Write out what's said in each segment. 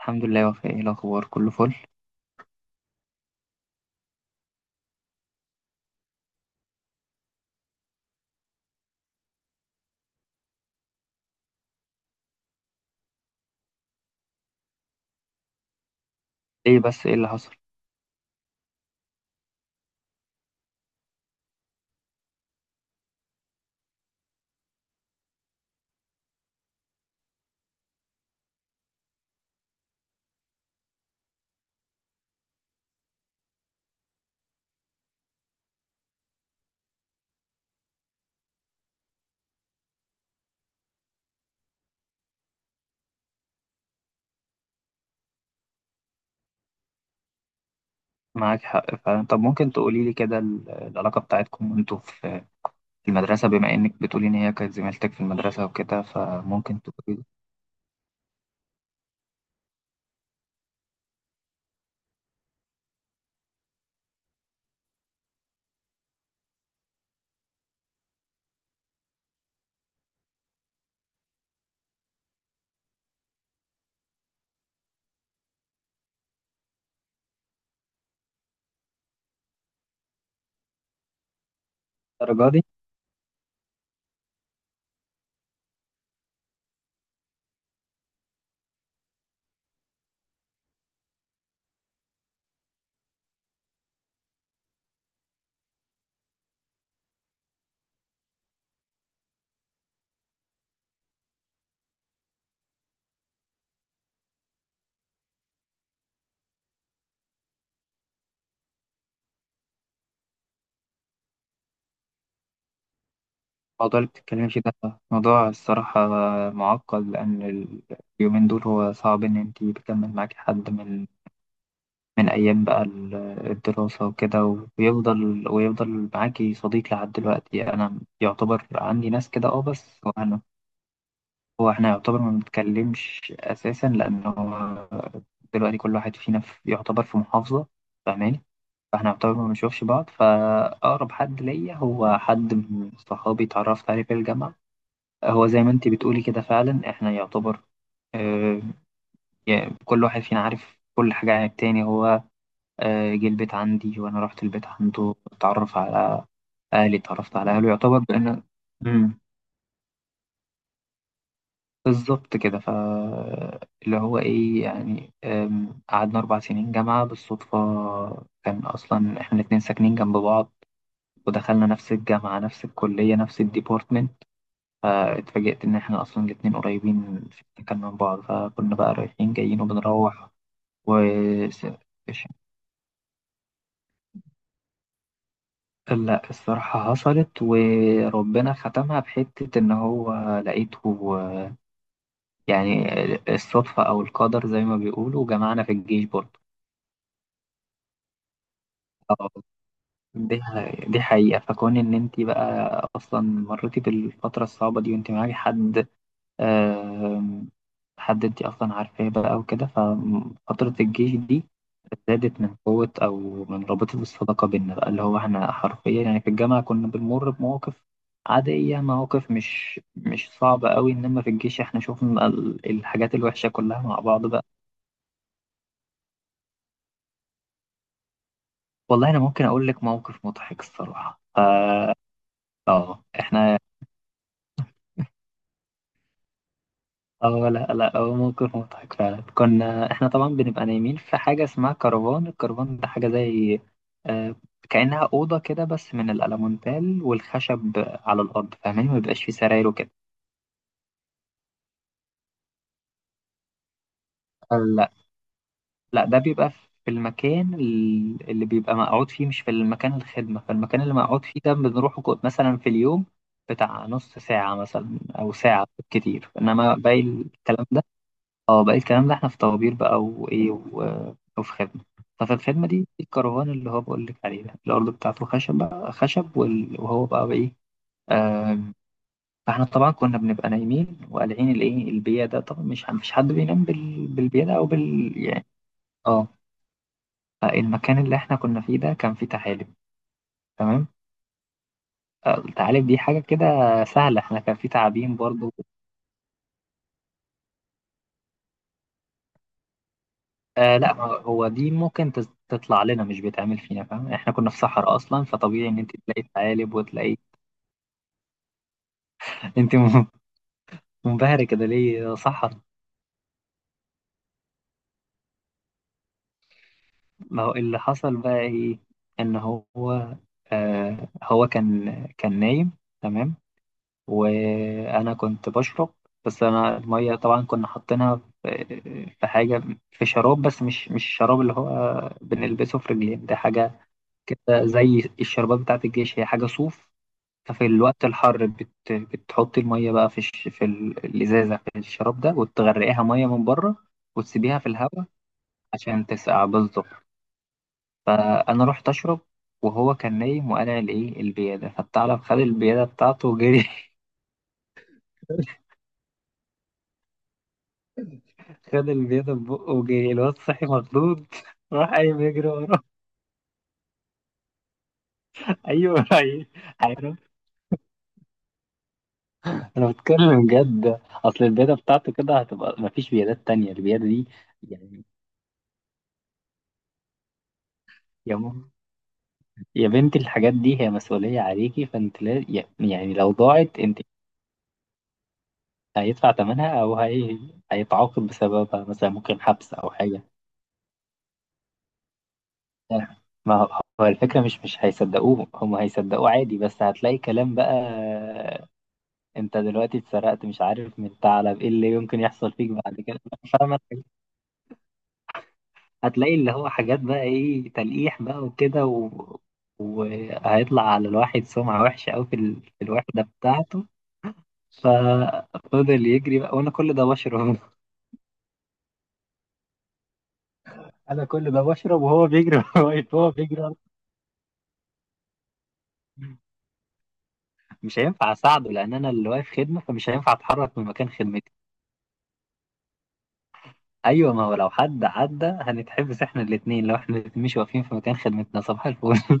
الحمد لله يا وفاء، ايه الاخبار؟ كله فل. ايه؟ بس ايه اللي حصل؟ معاك حق فعلا. طب ممكن تقولي لي كده العلاقه بتاعتكم وانتوا في المدرسه، بما انك بتقولي ان هي كانت زميلتك في المدرسه وكده؟ فممكن تقولي لي. الدرجه دي؟ الموضوع اللي بتتكلمي فيه ده موضوع الصراحه معقد، لان اليومين دول هو صعب ان انت بيكمل معاكي حد من ايام بقى الدراسه وكده، ويفضل معاكي صديق لحد دلوقتي. انا يعتبر عندي ناس كده، اه، بس هو احنا يعتبر ما بنتكلمش اساسا، لانه دلوقتي كل واحد فينا في يعتبر في محافظه، فاهماني؟ فاحنا يعتبر ما بنشوفش بعض. فاقرب حد ليا هو حد من صحابي، اتعرفت عليه في الجامعه. هو زي ما انتي بتقولي كده فعلا، احنا يعتبر آه، يعني كل واحد فينا عارف كل حاجه عن التاني. هو جه البيت عندي وانا رحت البيت عنده، اتعرف على اهلي اتعرفت على اهله، يعتبر بان. بالظبط كده. ف اللي هو ايه يعني، قعدنا 4 سنين جامعة بالصدفة، كان اصلا احنا الاتنين ساكنين جنب بعض ودخلنا نفس الجامعة نفس الكلية نفس الديبارتمنت. فاتفاجئت ان احنا اصلا الاتنين قريبين في السكن من بعض، فكنا بقى رايحين جايين وبنروح و ش- لا، الصراحة حصلت وربنا ختمها بحتة، ان هو لقيته يعني. الصدفة او القدر زي ما بيقولوا جمعنا في الجيش برضه. دي حقيقة، فكون إن أنت بقى أصلا مريتي بالفترة الصعبة دي وأنت معاكي حد، آم، حد أنت أصلا عارفاه بقى وكده، ففترة الجيش دي زادت من قوة، أو من رابطة الصداقة بينا بقى. اللي هو إحنا حرفيا يعني في الجامعة كنا بنمر بمواقف عادية، مواقف مش صعبة قوي، إنما في الجيش إحنا شوفنا الحاجات الوحشة كلها مع بعض بقى. والله أنا ممكن أقول لك موقف مضحك الصراحة. إحنا، اه لا لا، هو موقف مضحك فعلا. كنا احنا طبعا بنبقى نايمين في حاجة اسمها كرفان. الكرفان ده حاجة زي، آه كأنها أوضة كده، بس من الألمونتال والخشب على الأرض، فاهمين؟ ما بيبقاش فيه سراير وكده. لا لا، ده بيبقى في المكان اللي بيبقى مقعود فيه، مش في المكان الخدمة. فالمكان اللي مقعود فيه ده بنروحه مثلا في اليوم بتاع نص ساعة مثلا أو ساعة كتير، إنما باقي الكلام، اه، باقي الكلام ده احنا في طوابير بقى، وايه، وفي خدمة. ففي الخدمة دي الكرفان اللي هو بقول لك عليه ده، الأرض بتاعته خشب بقى، خشب، وهو بقى بإيه. آم، فاحنا طبعا كنا بنبقى نايمين وقالعين الايه، البيا ده طبعا مش حد بينام بالبيا ده او بال، يعني. اه المكان اللي احنا كنا فيه ده كان فيه تعالب. تمام. التعالب دي حاجة كده سهلة، احنا كان فيه تعابين برضو. لا، ما هو دي ممكن تطلع لنا، مش بيتعمل فينا، فاهم؟ احنا كنا في صحراء اصلا، فطبيعي ان انت تلاقي ثعالب وتلاقي. انت منبهرة كده ليه يا صحراء؟ ما هو اللي حصل بقى ايه، ان هو هو كان نايم، تمام، وانا كنت بشرب. بس انا الميه طبعا كنا حاطينها في حاجه، في شراب، بس مش الشراب اللي هو بنلبسه في رجلين، ده حاجه كده زي الشربات بتاعت الجيش، هي حاجه صوف. ففي الوقت الحر بتحطي المية بقى في الإزازة، في الشراب ده، وتغرقيها مية من بره، وتسيبيها في الهواء عشان تسقع، بالظبط. فأنا رحت أشرب، وهو كان نايم وقلع الإيه، البيادة، فالثعلب خد البيادة بتاعته وجري. خد البيضة في بقه وجري. الواد صحي مخضوض راح قايم يجري وراه. ايوه، هيروح. انا بتكلم جد. اصل البيضة بتاعته كده هتبقى، مفيش بيضات تانية البيضة دي، يعني. يا ماما، يا بنتي الحاجات دي هي مسؤولية عليكي، فانت، لا، يعني لو ضاعت انت، هيدفع ثمنها، هيتعاقب بسببها مثلا، ممكن حبس او حاجة، يعني. ما هو هو الفكرة مش هيصدقوه هم هيصدقوه عادي، بس هتلاقي كلام بقى، انت دلوقتي اتسرقت مش عارف من ثعلب، ايه اللي يمكن يحصل فيك بعد كده؟ فاهمة؟ هتلاقي اللي هو حاجات بقى، ايه، تلقيح بقى وكده، وهيطلع على الواحد سمعة وحشة أوي في الوحدة بتاعته. ففضل يجري بقى، وانا كل ده بشرب انا كل ده بشرب وهو بيجري وأنا واقف هو بيجري. مش هينفع اساعده، لان انا اللي واقف خدمه، فمش هينفع اتحرك من مكان خدمتي. ايوه، ما هو لو حد عدى هنتحبس احنا الاثنين، لو احنا الاتنين مش واقفين في مكان خدمتنا، صباح الفل.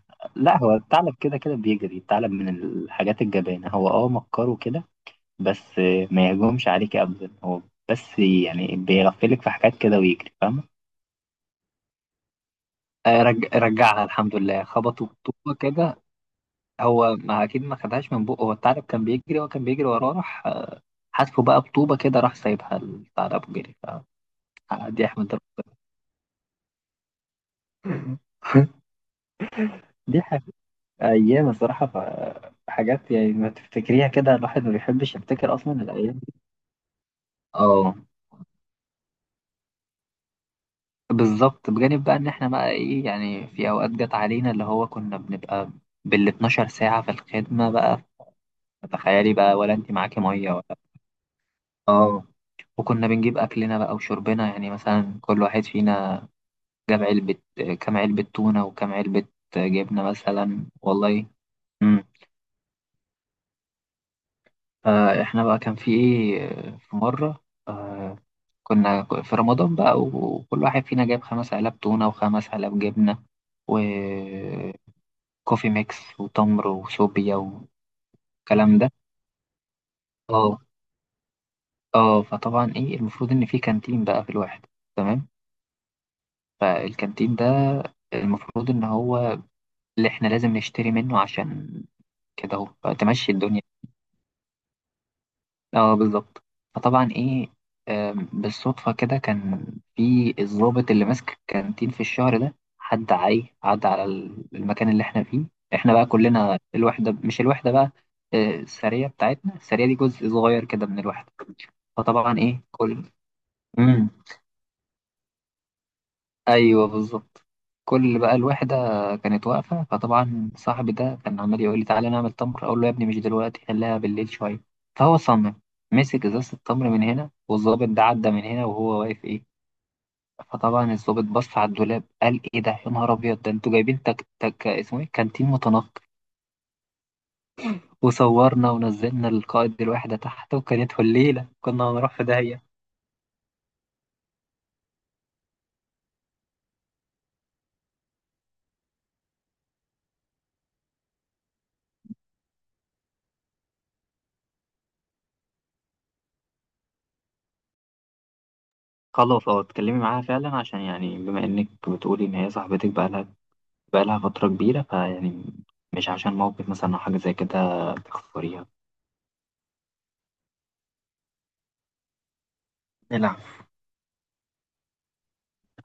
لا، هو الثعلب كده كده بيجري، الثعلب من الحاجات الجبانه، هو مكره كده بس، ما يهجمش عليك ابدا، هو بس يعني بيغفلك في حاجات كده ويجري، فاهمه؟ رجعها الحمد لله. خبطوا بطوبه كده. هو ما اكيد ما خدهاش من بقه، هو الثعلب كان بيجري، هو كان بيجري وراه، راح حاسبه بقى بطوبه كده، راح سايبها الثعلب وجري. فدي احمد ربنا دي ح- ايام الصراحه، حاجات يعني ما تفتكريها كده، الواحد ما بيحبش يفتكر اصلا الايام دي. اه، بالظبط. بجانب بقى ان احنا بقى ايه يعني، في اوقات جت علينا اللي هو كنا بنبقى بال 12 ساعه في الخدمه بقى، تخيلي بقى، ولا انت معاكي ميه ولا. اه. وكنا بنجيب اكلنا بقى وشربنا، يعني مثلا كل واحد فينا جاب كام علبة تونة وكام علبة جبنة مثلا، والله. امم فاحنا بقى كان في ايه، في مرة، كنا في رمضان بقى، وكل واحد فينا جاب 5 علب تونة وخمس علب جبنة، وكوفي ميكس، وتمر، وسوبيا، والكلام ده. اه اه فطبعا ايه، المفروض ان في كانتين بقى في الواحد، تمام. فالكانتين ده المفروض ان هو اللي احنا لازم نشتري منه، عشان كده اهو تمشي الدنيا. اه، بالظبط. فطبعا ايه، بالصدفة كده كان في الضابط اللي ماسك الكانتين في الشهر ده، حد عدى على المكان اللي احنا فيه. احنا بقى كلنا الوحدة، مش الوحدة بقى، السرية بتاعتنا. السرية دي جزء صغير كده من الوحدة. فطبعا ايه، كل. مم. ايوه، بالظبط. كل بقى الوحده كانت واقفه، فطبعا صاحبي ده كان عمال يقول لي تعالى نعمل تمر، اقول له يا ابني مش دلوقتي، خليها بالليل شويه. فهو صمم، مسك ازازه التمر من هنا، والظابط ده عدى من هنا وهو واقف، ايه. فطبعا الظابط بص على الدولاب، قال ايه ده يا نهار ابيض، ده انتوا جايبين تك تك، اسمه ايه، كانتين متنقي؟ وصورنا ونزلنا القائد الوحده تحت، وكانت الليله كنا هنروح في داهيه. خلاص، اه، اتكلمي معاها فعلا، عشان يعني بما انك بتقولي ان هي صاحبتك بقى، بقالها فترة كبيرة، فيعني مش عشان موقف مثلا أو حاجة زي كده تخسريها. نلعب.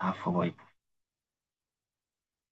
نلعب في بايظ.